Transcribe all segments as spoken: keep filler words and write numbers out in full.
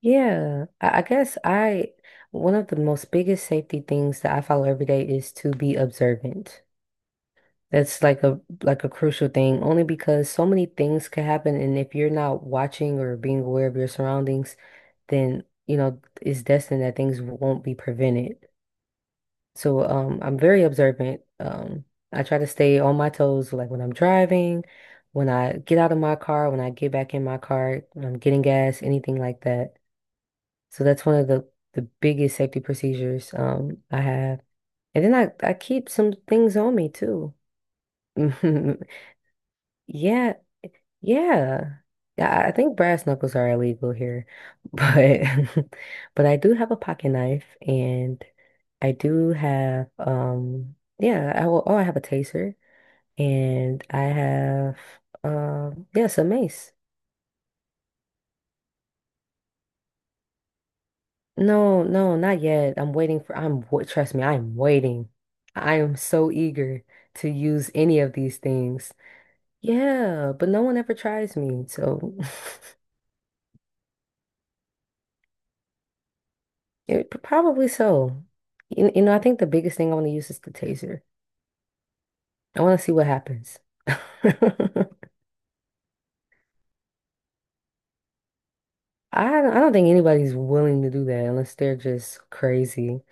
Yeah, I I guess I, one of the most biggest safety things that I follow every day is to be observant. That's like a like a crucial thing, only because so many things can happen, and if you're not watching or being aware of your surroundings, then you know it's destined that things won't be prevented. So, um, I'm very observant. Um, I try to stay on my toes, like when I'm driving, when I get out of my car, when I get back in my car, when I'm getting gas, anything like that. So that's one of the the biggest safety procedures um I have. And then I I keep some things on me too. Yeah, yeah. Yeah, I I think brass knuckles are illegal here, but but I do have a pocket knife and I do have um yeah, I will, oh I have a taser and I have um yeah, some mace. No, no, not yet. I'm waiting for, I'm, wa- Trust me, I am waiting. I am so eager to use any of these things. Yeah, but no one ever tries me. So it, probably so. You, you know, I think the biggest thing I want to use is the taser. I want to see what happens. I don't, I don't think anybody's willing to do that unless they're just crazy.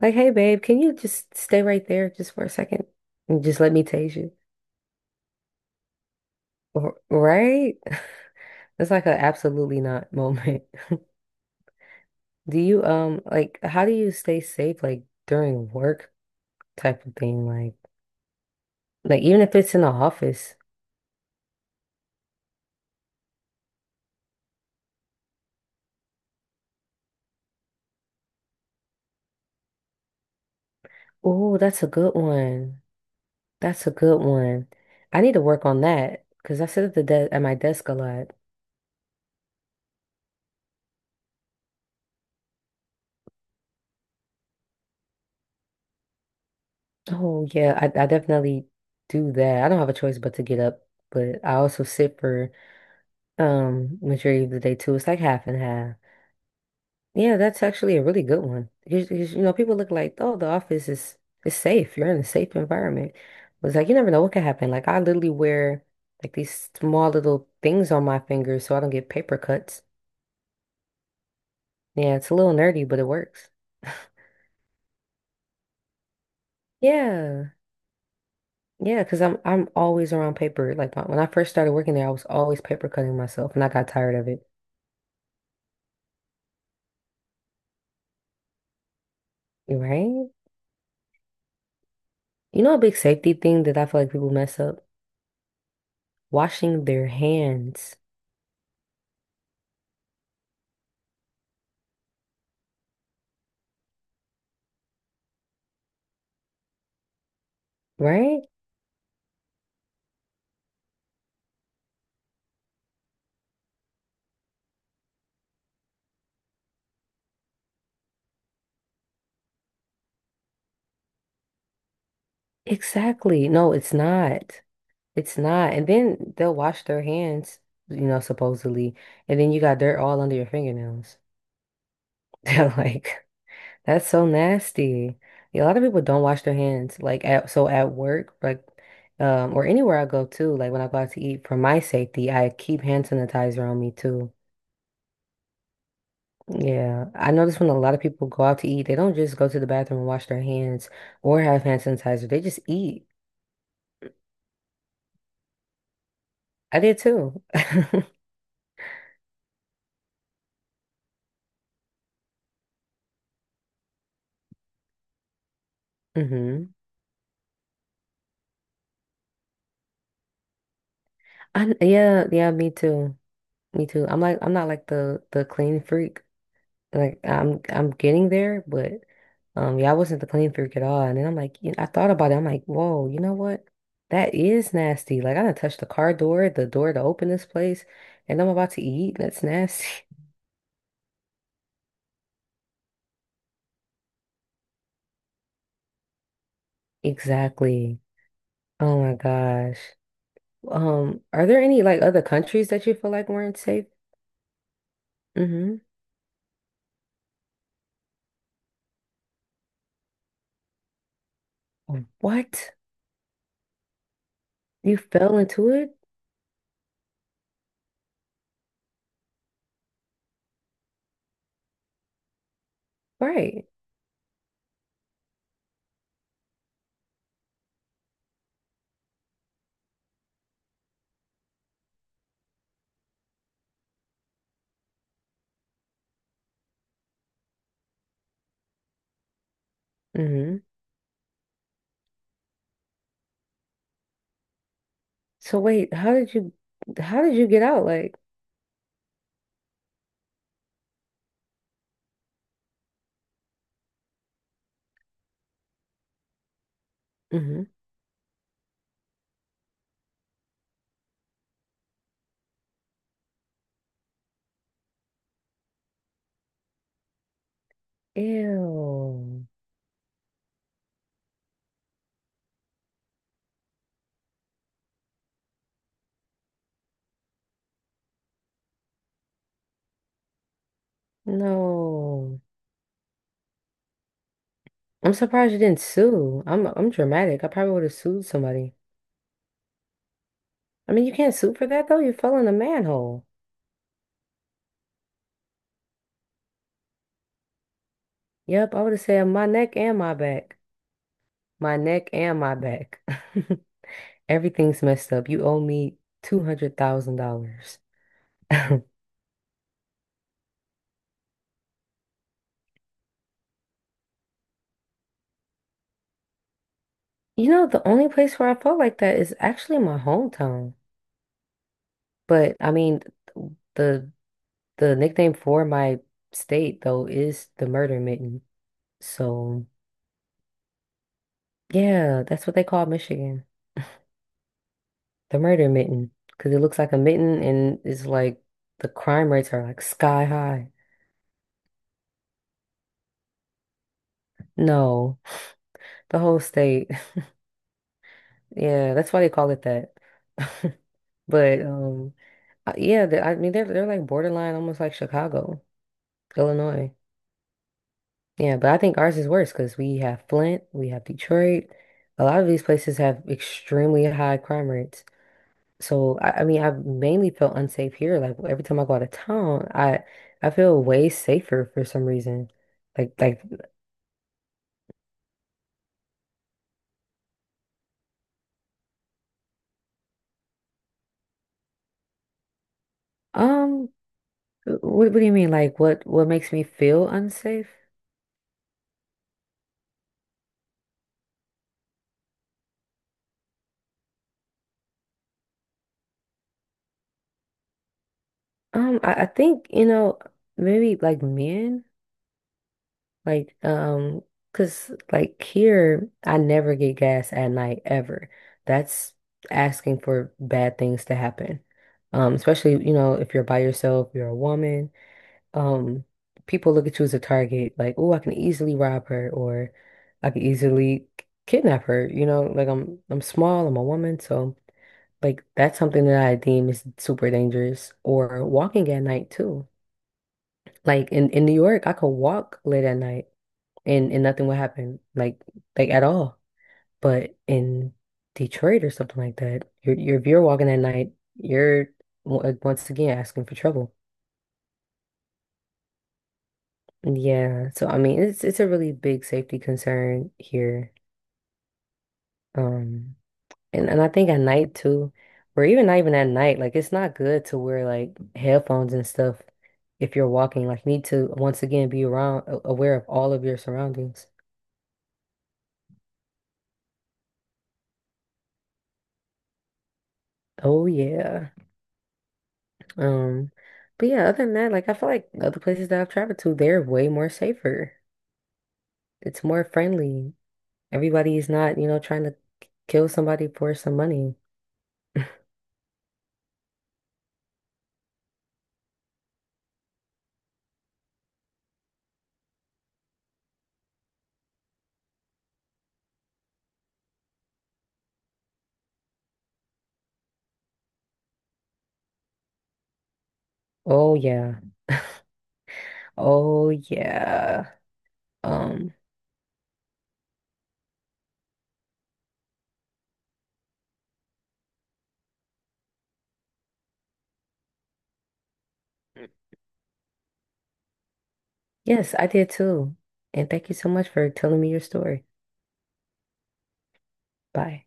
Like, hey, babe, can you just stay right there just for a second and just let me tase you? Or- Right? It's like a absolutely not moment. Do you um like how do you stay safe like during work type of thing? Like like even if it's in the office. Oh, that's a good one. That's a good one. I need to work on that because I sit at the de at my desk a lot. Oh yeah, I, I definitely do that. I don't have a choice but to get up, but I also sit for um majority of the day too. It's like half and half. Yeah, that's actually a really good one. Because, because, you know, people look like, oh, the office is is safe. You're in a safe environment. But it's like you never know what could happen. Like I literally wear like these small little things on my fingers so I don't get paper cuts. Yeah, it's a little nerdy, but it works. Yeah. Yeah, because I'm I'm always around paper. Like my, when I first started working there, I was always paper cutting myself and I got tired of it. Right? You know, a big safety thing that I feel like people mess up? Washing their hands, right? Exactly. No, it's not. It's not. And then they'll wash their hands, you know, supposedly. And then you got dirt all under your fingernails. They're like, that's so nasty. Yeah, a lot of people don't wash their hands. Like at so at work, like um or anywhere I go to, like when I go out to eat, for my safety, I keep hand sanitizer on me too. Yeah. I notice when a lot of people go out to eat, they don't just go to the bathroom and wash their hands or have hand sanitizer. They just eat. I did too. Hmm. I Yeah, yeah, me too. Me too. I'm like I'm not like the the clean freak. Like I'm I'm getting there, but um yeah, I wasn't the clean freak at all. And then I'm like, you I thought about it. I'm like, whoa, you know what? That is nasty. Like I done touched the car door, the door to open this place, and I'm about to eat. That's nasty. Exactly. Oh my gosh. Um, are there any like other countries that you feel like weren't safe? Mm-hmm. What? You fell into it? Right. Mm-hmm. So wait, how did you How did you get out? Like, hmm. Ew. No. I'm surprised you didn't sue. I'm I'm dramatic. I probably would have sued somebody. I mean, you can't sue for that though. You fell in a manhole. Yep, I would have said my neck and my back. My neck and my back. Everything's messed up. You owe me two hundred thousand dollars. You know, the only place where I felt like that is actually my hometown. But I mean, the The nickname for my state, though, is the Murder Mitten. So, yeah, that's what they call Michigan, the Murder Mitten, because it looks like a mitten and it's like the crime rates are like sky high. No, the whole state. Yeah, that's why they call it that. But um, I- yeah, the, I mean they're they're like borderline, almost like Chicago, Illinois. Yeah, but I think ours is worse because we have Flint, we have Detroit. A lot of these places have extremely high crime rates. So I, I mean, I've mainly felt unsafe here. Like every time I go out of town, I I feel way safer for some reason. Like like um, what what do you mean? Like what what makes me feel unsafe? Um, I, I think you know maybe like men like um, cause like here I never get gas at night ever. That's asking for bad things to happen. Um, especially you know if you're by yourself, you're a woman. Um, people look at you as a target, like, oh, I can easily rob her or I can easily k- kidnap her, you know, like I'm I'm small, I'm a woman, so like that's something that I deem is super dangerous. Or walking at night too. Like in, in New York, I could walk late at night and, and nothing would happen, like like at all. But in Detroit or something like that, you're, you're if you're walking at night, you're w- once again asking for trouble. Yeah, so I mean it's it's a really big safety concern here. Um and, and I think at night too, or even not even at night, like it's not good to wear like headphones and stuff if you're walking. Like you need to once again be around a- aware of all of your surroundings. Oh yeah. Um but yeah, other than that, like I feel like other places that I've traveled to, they're way more safer. It's more friendly. Everybody is not, you know, trying to k- kill somebody for some money. Oh yeah. Oh yeah. Um, yes, I did too. And thank you so much for telling me your story. Bye.